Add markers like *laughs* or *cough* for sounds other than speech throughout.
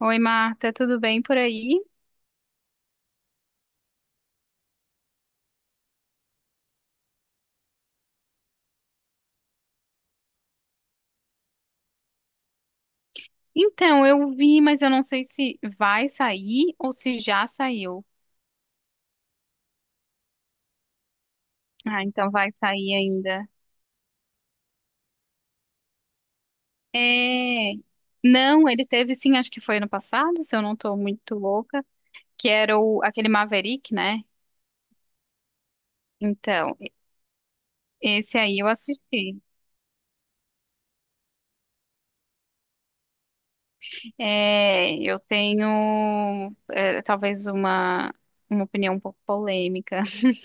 Oi, Marta, tudo bem por aí? Então, eu vi, mas eu não sei se vai sair ou se já saiu. Ah, então vai sair ainda. É. Não, ele teve sim, acho que foi ano passado, se eu não tô muito louca, que era aquele Maverick, né? Então, esse aí eu assisti. É, eu tenho é, talvez uma opinião um pouco polêmica, *laughs*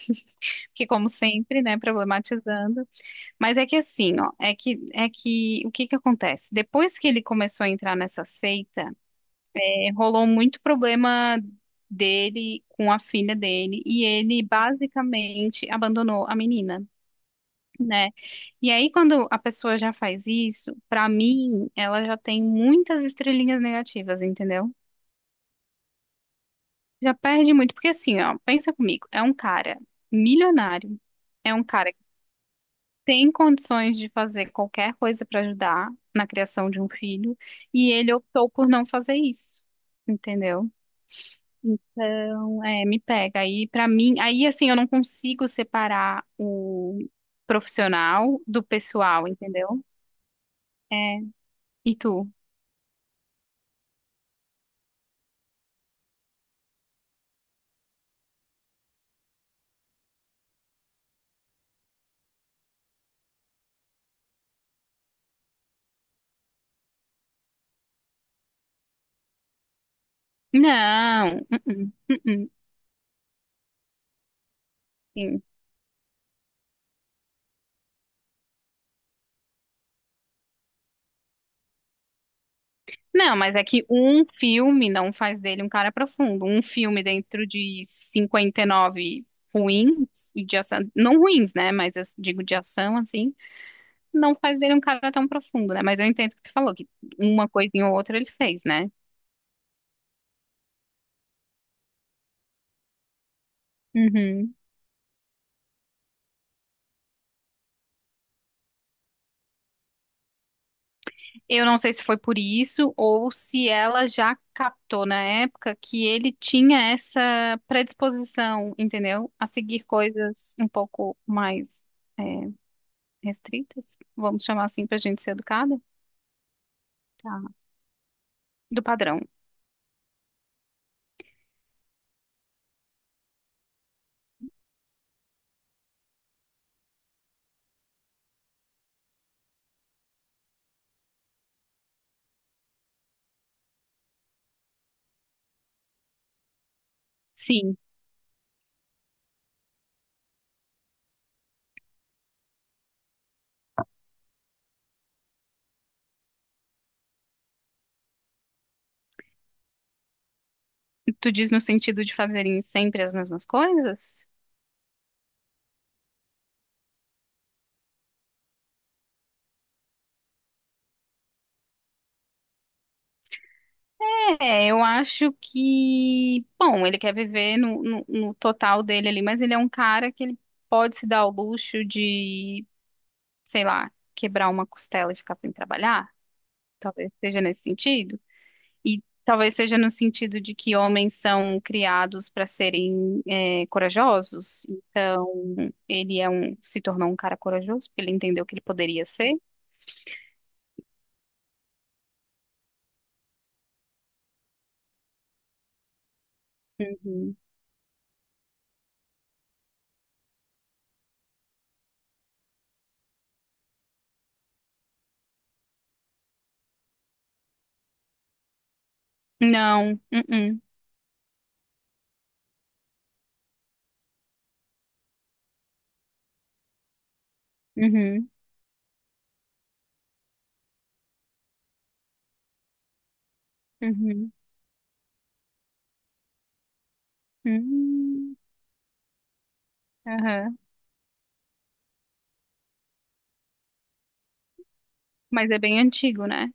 que como sempre, né, problematizando. Mas é que assim, ó, é que o que que acontece? Depois que ele começou a entrar nessa seita, é, rolou muito problema dele com a filha dele e ele basicamente abandonou a menina, né? E aí quando a pessoa já faz isso, pra mim, ela já tem muitas estrelinhas negativas, entendeu? Já perde muito, porque assim, ó, pensa comigo, é um cara milionário, é um cara tem condições de fazer qualquer coisa para ajudar na criação de um filho, e ele optou por não fazer isso, entendeu? Então, é, me pega. Aí, para mim, aí assim, eu não consigo separar o profissional do pessoal, entendeu? É. E tu? Não. Uh-uh, uh-uh. Não, mas é que um filme não faz dele um cara profundo. Um filme dentro de 59 ruins e de ação, não ruins, né? Mas eu digo de ação assim, não faz dele um cara tão profundo, né? Mas eu entendo o que tu falou, que uma coisinha ou outra ele fez, né? Uhum. Eu não sei se foi por isso ou se ela já captou na época que ele tinha essa predisposição, entendeu? A seguir coisas um pouco mais é, restritas, vamos chamar assim para a gente ser educada, tá, do padrão. Sim, tu diz no sentido de fazerem sempre as mesmas coisas? É, eu acho que, bom, ele quer viver no total dele ali, mas ele é um cara que ele pode se dar o luxo de, sei lá, quebrar uma costela e ficar sem trabalhar. Talvez seja nesse sentido. E talvez seja no sentido de que homens são criados para serem é, corajosos. Então, ele é um, se tornou um cara corajoso porque ele entendeu que ele poderia ser. Uhum. Não. Uhum. Uhum. Uhum. Uhum. Aham. Mas é bem antigo, né?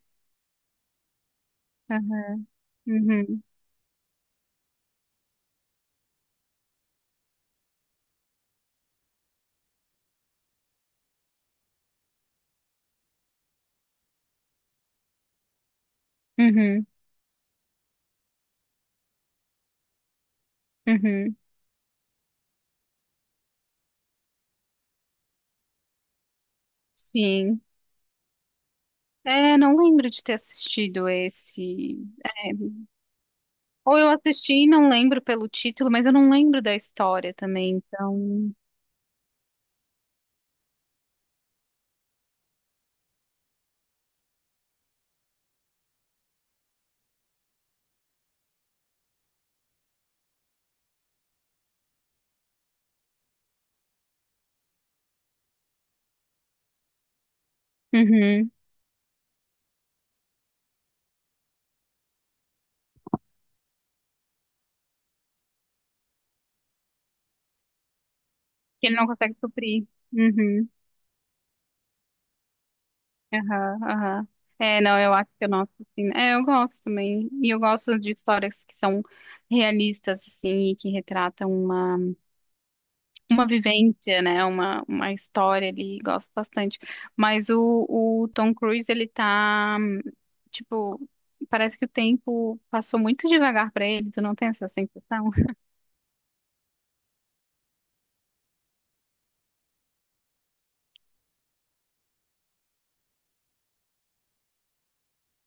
Aham. Uhum. Uhum. Uhum. Sim. É, não lembro de ter assistido esse. Ou eu assisti e não lembro pelo título, mas eu não lembro da história também, então. Uhum. Que ele não consegue suprir. Uhum, aham, aham. É, não, eu acho que eu noto, assim. É, eu gosto também. E eu gosto de histórias que são realistas, assim, e que retratam uma vivência, né? Uma história ali. Gosto bastante. Mas o Tom Cruise, ele tá, tipo, parece que o tempo passou muito devagar pra ele. Tu não tem essa sensação? *laughs*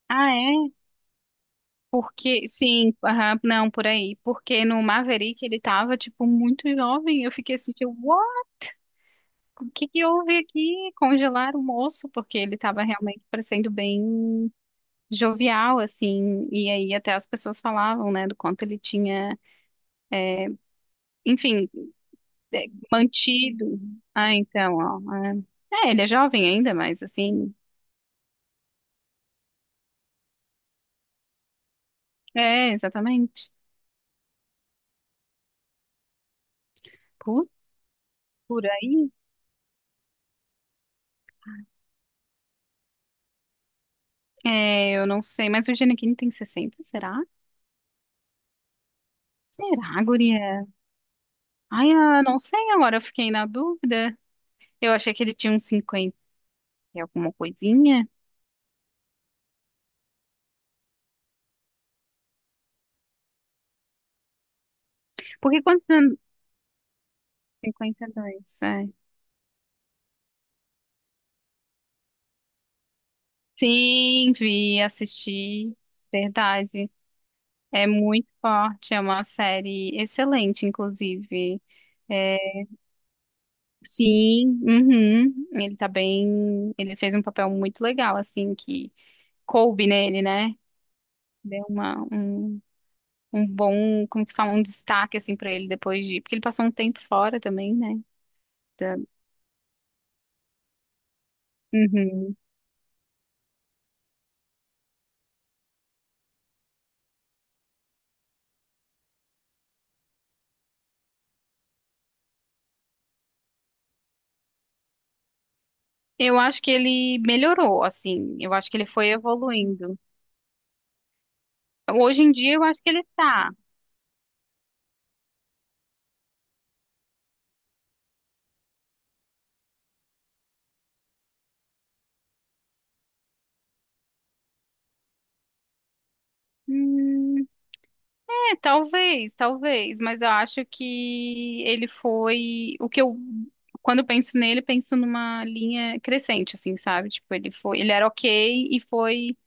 Ah, é? Porque, sim, aham, não, por aí. Porque no Maverick ele tava, tipo, muito jovem. Eu fiquei assim, tipo, "Uau, o que que houve aqui? Congelaram o moço, porque ele tava realmente parecendo bem jovial, assim." E aí até as pessoas falavam, né, do quanto ele tinha, enfim, é, mantido. Ah, então, ó. É, é, ele é jovem ainda, mas assim, é, exatamente. Por, por aí, é, eu não sei. Mas o Gene Kim tem 60, será? Será, guria? Ai, ah, não sei agora, eu fiquei na dúvida. Eu achei que ele tinha uns 50 e alguma coisinha. Porque quantos anos? 52, é. Sim, vi, assisti. Verdade. É muito forte, é uma série excelente, inclusive. É, sim, uhum. Ele tá bem. Ele fez um papel muito legal, assim, que coube nele, né? Deu um bom, como que fala, um destaque, assim, pra ele depois de. Porque ele passou um tempo fora também, né? Uhum. Eu acho que ele melhorou, assim. Eu acho que ele foi evoluindo. Hoje em dia, eu acho que ele tá. Hum, é, talvez, talvez, mas eu acho que ele foi o que eu quando eu penso nele, eu penso numa linha crescente, assim, sabe? Tipo, ele era ok e foi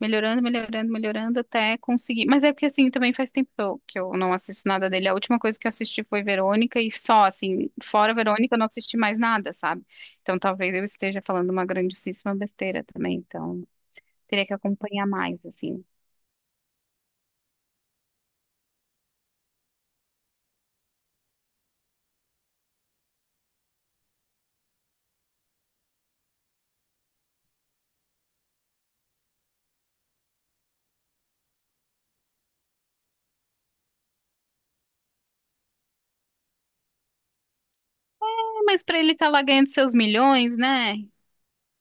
melhorando, melhorando, melhorando até conseguir. Mas é porque assim, também faz tempo que eu não assisto nada dele. A última coisa que eu assisti foi Verônica e só, assim, fora Verônica, eu não assisti mais nada, sabe? Então talvez eu esteja falando uma grandíssima besteira também. Então teria que acompanhar mais, assim. É, mas pra ele estar lá ganhando seus milhões, né?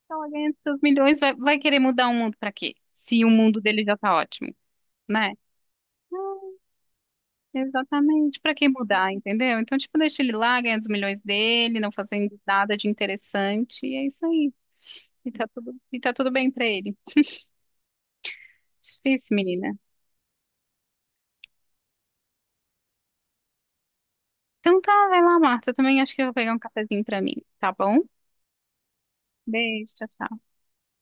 Tá lá ganhando seus milhões, vai querer mudar o mundo pra quê? Se o mundo dele já tá ótimo, né? Exatamente, para que mudar, entendeu? Então, tipo, deixa ele lá, ganha os milhões dele, não fazendo nada de interessante, e é isso aí. E tá tudo bem para ele. Difícil, menina. Então tá, vai lá, Marta. Eu também acho que eu vou pegar um cafezinho para mim, tá bom? Beijo, tchau. Tchau.